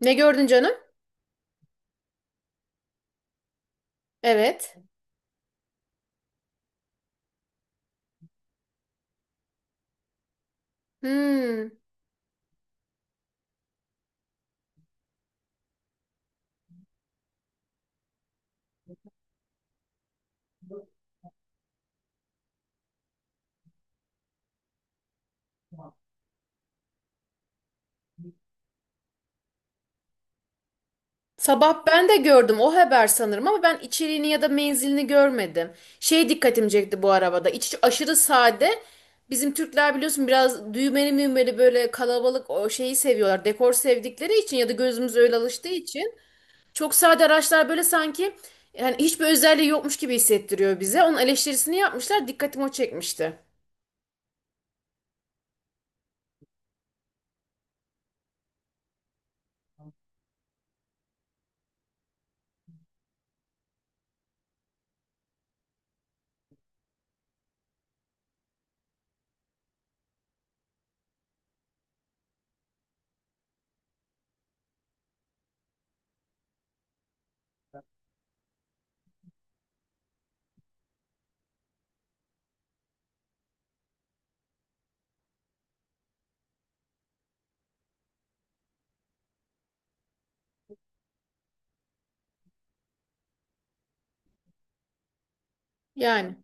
Ne gördün canım? Evet. Hmm. Sabah ben de gördüm o haber sanırım ama ben içeriğini ya da menzilini görmedim. Şey dikkatimi çekti bu arabada. İç aşırı sade. Bizim Türkler biliyorsun biraz düğmeli müğmeli böyle kalabalık o şeyi seviyorlar. Dekor sevdikleri için ya da gözümüz öyle alıştığı için. Çok sade araçlar böyle sanki yani hiçbir özelliği yokmuş gibi hissettiriyor bize. Onun eleştirisini yapmışlar. Dikkatimi o çekmişti. Yani.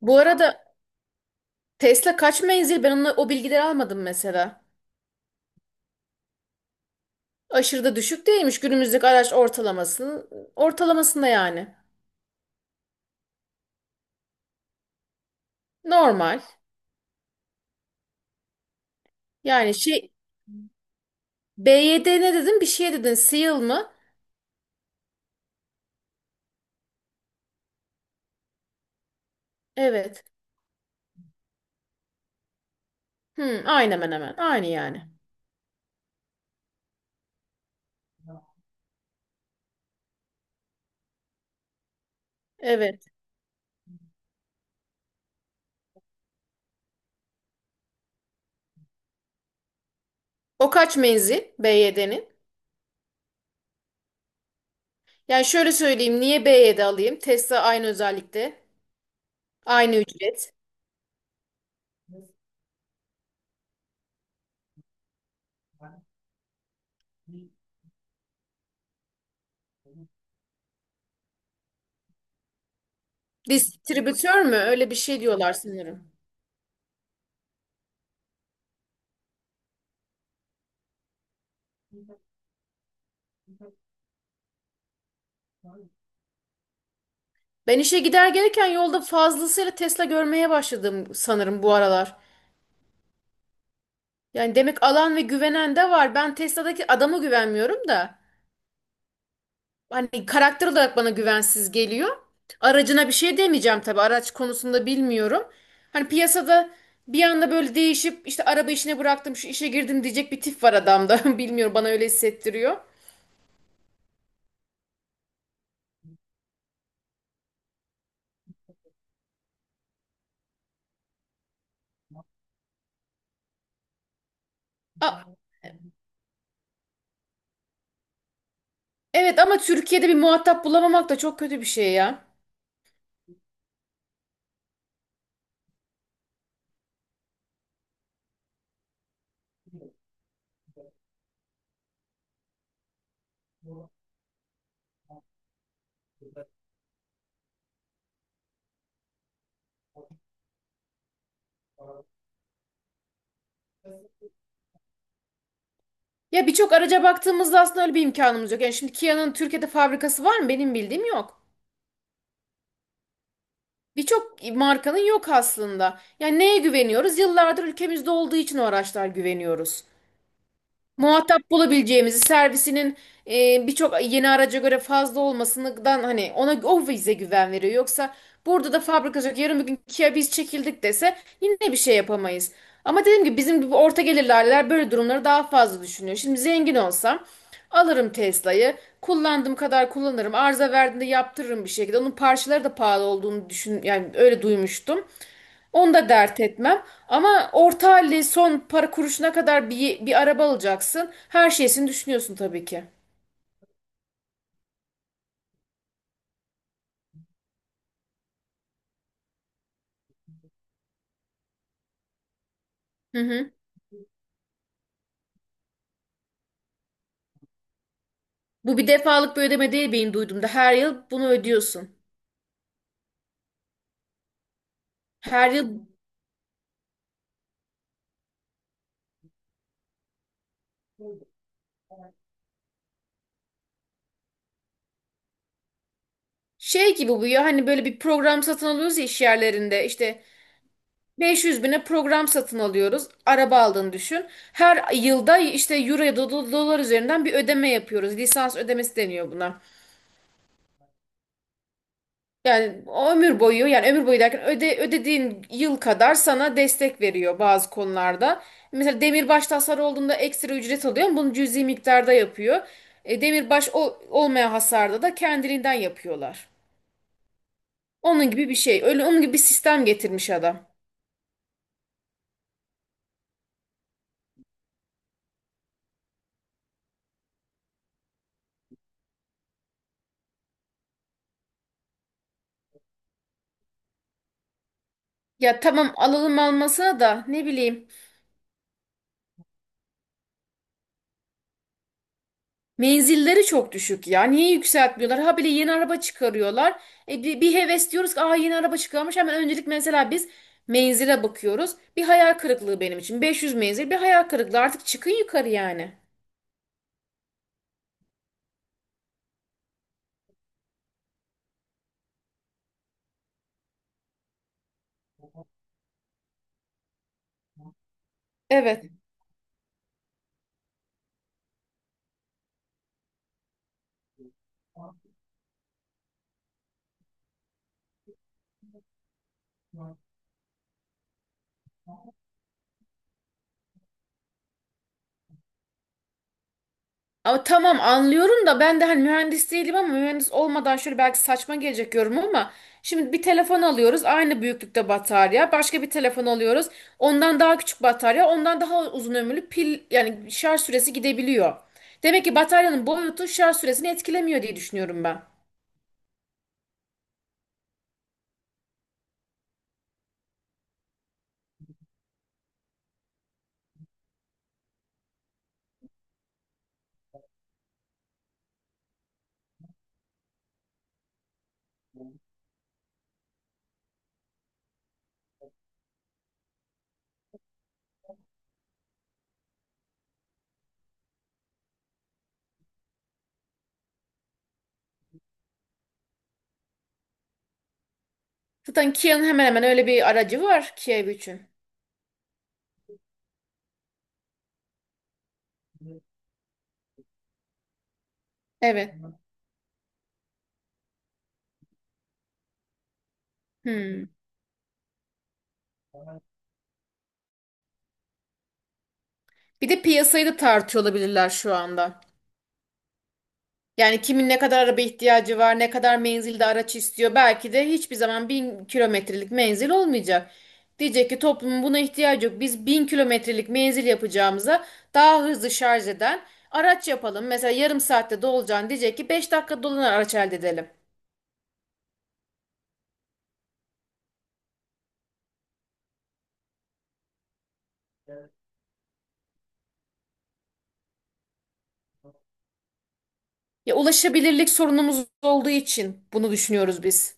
Bu arada Tesla kaç menzil? Ben onunla, o bilgileri almadım mesela. Aşırı da düşük değilmiş günümüzdeki araç ortalamasının ortalamasında yani. Normal. Yani şey BYD ne dedin? Bir şey dedin. Seal mı? Evet. Hmm, aynı hemen hemen. Aynı yani. Evet. O kaç menzil BYD'nin? Yani şöyle söyleyeyim. Niye BYD alayım? Tesla aynı özellikte. Aynı ücret. Distribütör mü? Öyle bir şey diyorlar sanırım. Ben işe gider gelirken yolda fazlasıyla Tesla görmeye başladım sanırım bu aralar. Yani demek alan ve güvenen de var. Ben Tesla'daki adama güvenmiyorum da. Hani karakter olarak bana güvensiz geliyor. Aracına bir şey demeyeceğim tabii. Araç konusunda bilmiyorum. Hani piyasada bir anda böyle değişip işte araba işine bıraktım, şu işe girdim diyecek bir tip var adamda. Bilmiyorum bana öyle hissettiriyor. A- evet ama Türkiye'de bir muhatap bulamamak da çok kötü bir şey ya. Ya birçok araca baktığımızda aslında öyle bir imkanımız yok. Yani şimdi Kia'nın Türkiye'de fabrikası var mı? Benim bildiğim yok. Birçok markanın yok aslında. Yani neye güveniyoruz? Yıllardır ülkemizde olduğu için o araçlar güveniyoruz. Muhatap bulabileceğimizi, servisinin birçok yeni araca göre fazla olmasından hani ona o bize güven veriyor. Yoksa burada da fabrika olacak. Yarın bir gün Kia biz çekildik dese yine bir şey yapamayız. Ama dediğim gibi bizim gibi orta gelirliler böyle durumları daha fazla düşünüyor. Şimdi zengin olsam alırım Tesla'yı. Kullandığım kadar kullanırım. Arıza verdiğinde yaptırırım bir şekilde. Onun parçaları da pahalı olduğunu düşün yani öyle duymuştum. Onu da dert etmem. Ama orta halli son para kuruşuna kadar bir araba alacaksın. Her şeysini düşünüyorsun tabii ki. Hı hı. Bu bir defalık bir ödeme değil benim duyduğumda. Her yıl bunu ödüyorsun. Her yıl şey gibi bu ya hani böyle bir program satın alıyoruz ya iş yerlerinde. İşte 500 bine program satın alıyoruz. Araba aldığını düşün. Her yılda işte euro ya da dolar üzerinden bir ödeme yapıyoruz. Lisans ödemesi deniyor buna. Yani o ömür boyu yani ömür boyu derken ödediğin yıl kadar sana destek veriyor bazı konularda. Mesela demirbaş hasarı olduğunda ekstra ücret alıyor ama bunu cüzi miktarda yapıyor. Demirbaş olmayan hasarda da kendiliğinden yapıyorlar. Onun gibi bir şey. Öyle onun gibi bir sistem getirmiş adam. Ya tamam alalım almasına da ne bileyim. Menzilleri çok düşük ya. Niye yükseltmiyorlar? Ha bile yeni araba çıkarıyorlar. Bir heves diyoruz ki Aa, yeni araba çıkarmış. Hemen öncelik mesela biz menzile bakıyoruz. Bir hayal kırıklığı benim için. 500 menzil bir hayal kırıklığı. Artık çıkın yukarı yani. Evet. Ama tamam anlıyorum da ben de hani mühendis değilim ama mühendis olmadan şöyle belki saçma gelecek yorum ama şimdi bir telefon alıyoruz aynı büyüklükte batarya başka bir telefon alıyoruz ondan daha küçük batarya ondan daha uzun ömürlü pil yani şarj süresi gidebiliyor. Demek ki bataryanın boyutu şarj süresini etkilemiyor diye düşünüyorum ben. Zaten Kia'nın hemen hemen öyle bir aracı var Kia EV3'ün. Evet. Hmm. Bir de piyasayı da tartıyor olabilirler şu anda. Yani kimin ne kadar araba ihtiyacı var, ne kadar menzilde araç istiyor. Belki de hiçbir zaman 1000 kilometrelik menzil olmayacak. Diyecek ki toplumun buna ihtiyacı yok. Biz 1000 kilometrelik menzil yapacağımıza daha hızlı şarj eden araç yapalım. Mesela yarım saatte dolacağını diyecek ki 5 dakika dolanan araç elde edelim. Ya ulaşabilirlik sorunumuz olduğu için bunu düşünüyoruz biz.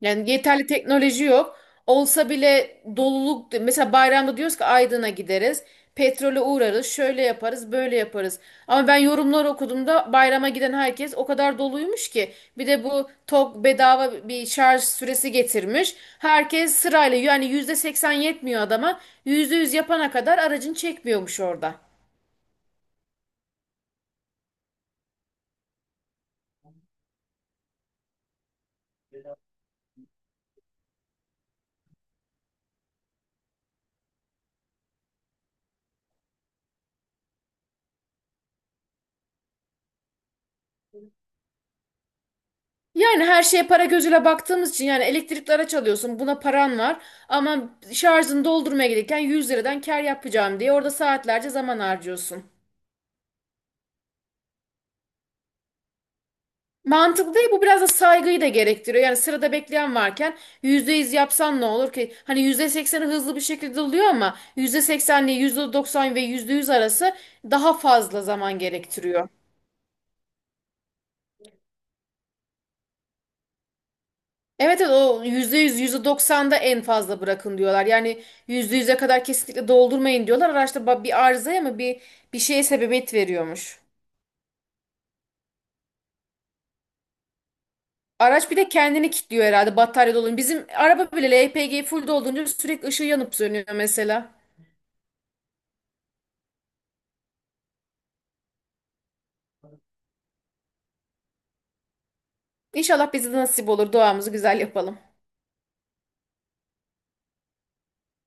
Yani yeterli teknoloji yok. Olsa bile doluluk mesela bayramda diyoruz ki Aydın'a gideriz. Petrole uğrarız, şöyle yaparız, böyle yaparız. Ama ben yorumlar okuduğumda bayrama giden herkes o kadar doluymuş ki. Bir de bu TOG bedava bir şarj süresi getirmiş. Herkes sırayla yani %80 yetmiyor adama. %100 yapana kadar aracın çekmiyormuş orada. Yani her şeye para gözüyle baktığımız için yani elektrikli araç alıyorsun buna paran var ama şarjını doldurmaya gelirken 100 liradan kar yapacağım diye orada saatlerce zaman harcıyorsun. Mantıklı değil bu biraz da saygıyı da gerektiriyor. Yani sırada bekleyen varken %100 yapsan ne olur ki? Hani %80'i hızlı bir şekilde oluyor ama %80 ile %90 ve %100 arası daha fazla zaman gerektiriyor. Evet evet o %100, %90'da en fazla bırakın diyorlar. Yani %100'e kadar kesinlikle doldurmayın diyorlar. Araçta bir arızaya mı bir şeye sebebiyet veriyormuş. Araç bir de kendini kilitliyor herhalde batarya dolunca. Bizim araba bile LPG full dolunca sürekli ışığı yanıp sönüyor mesela. İnşallah bize de nasip olur. Duamızı güzel yapalım.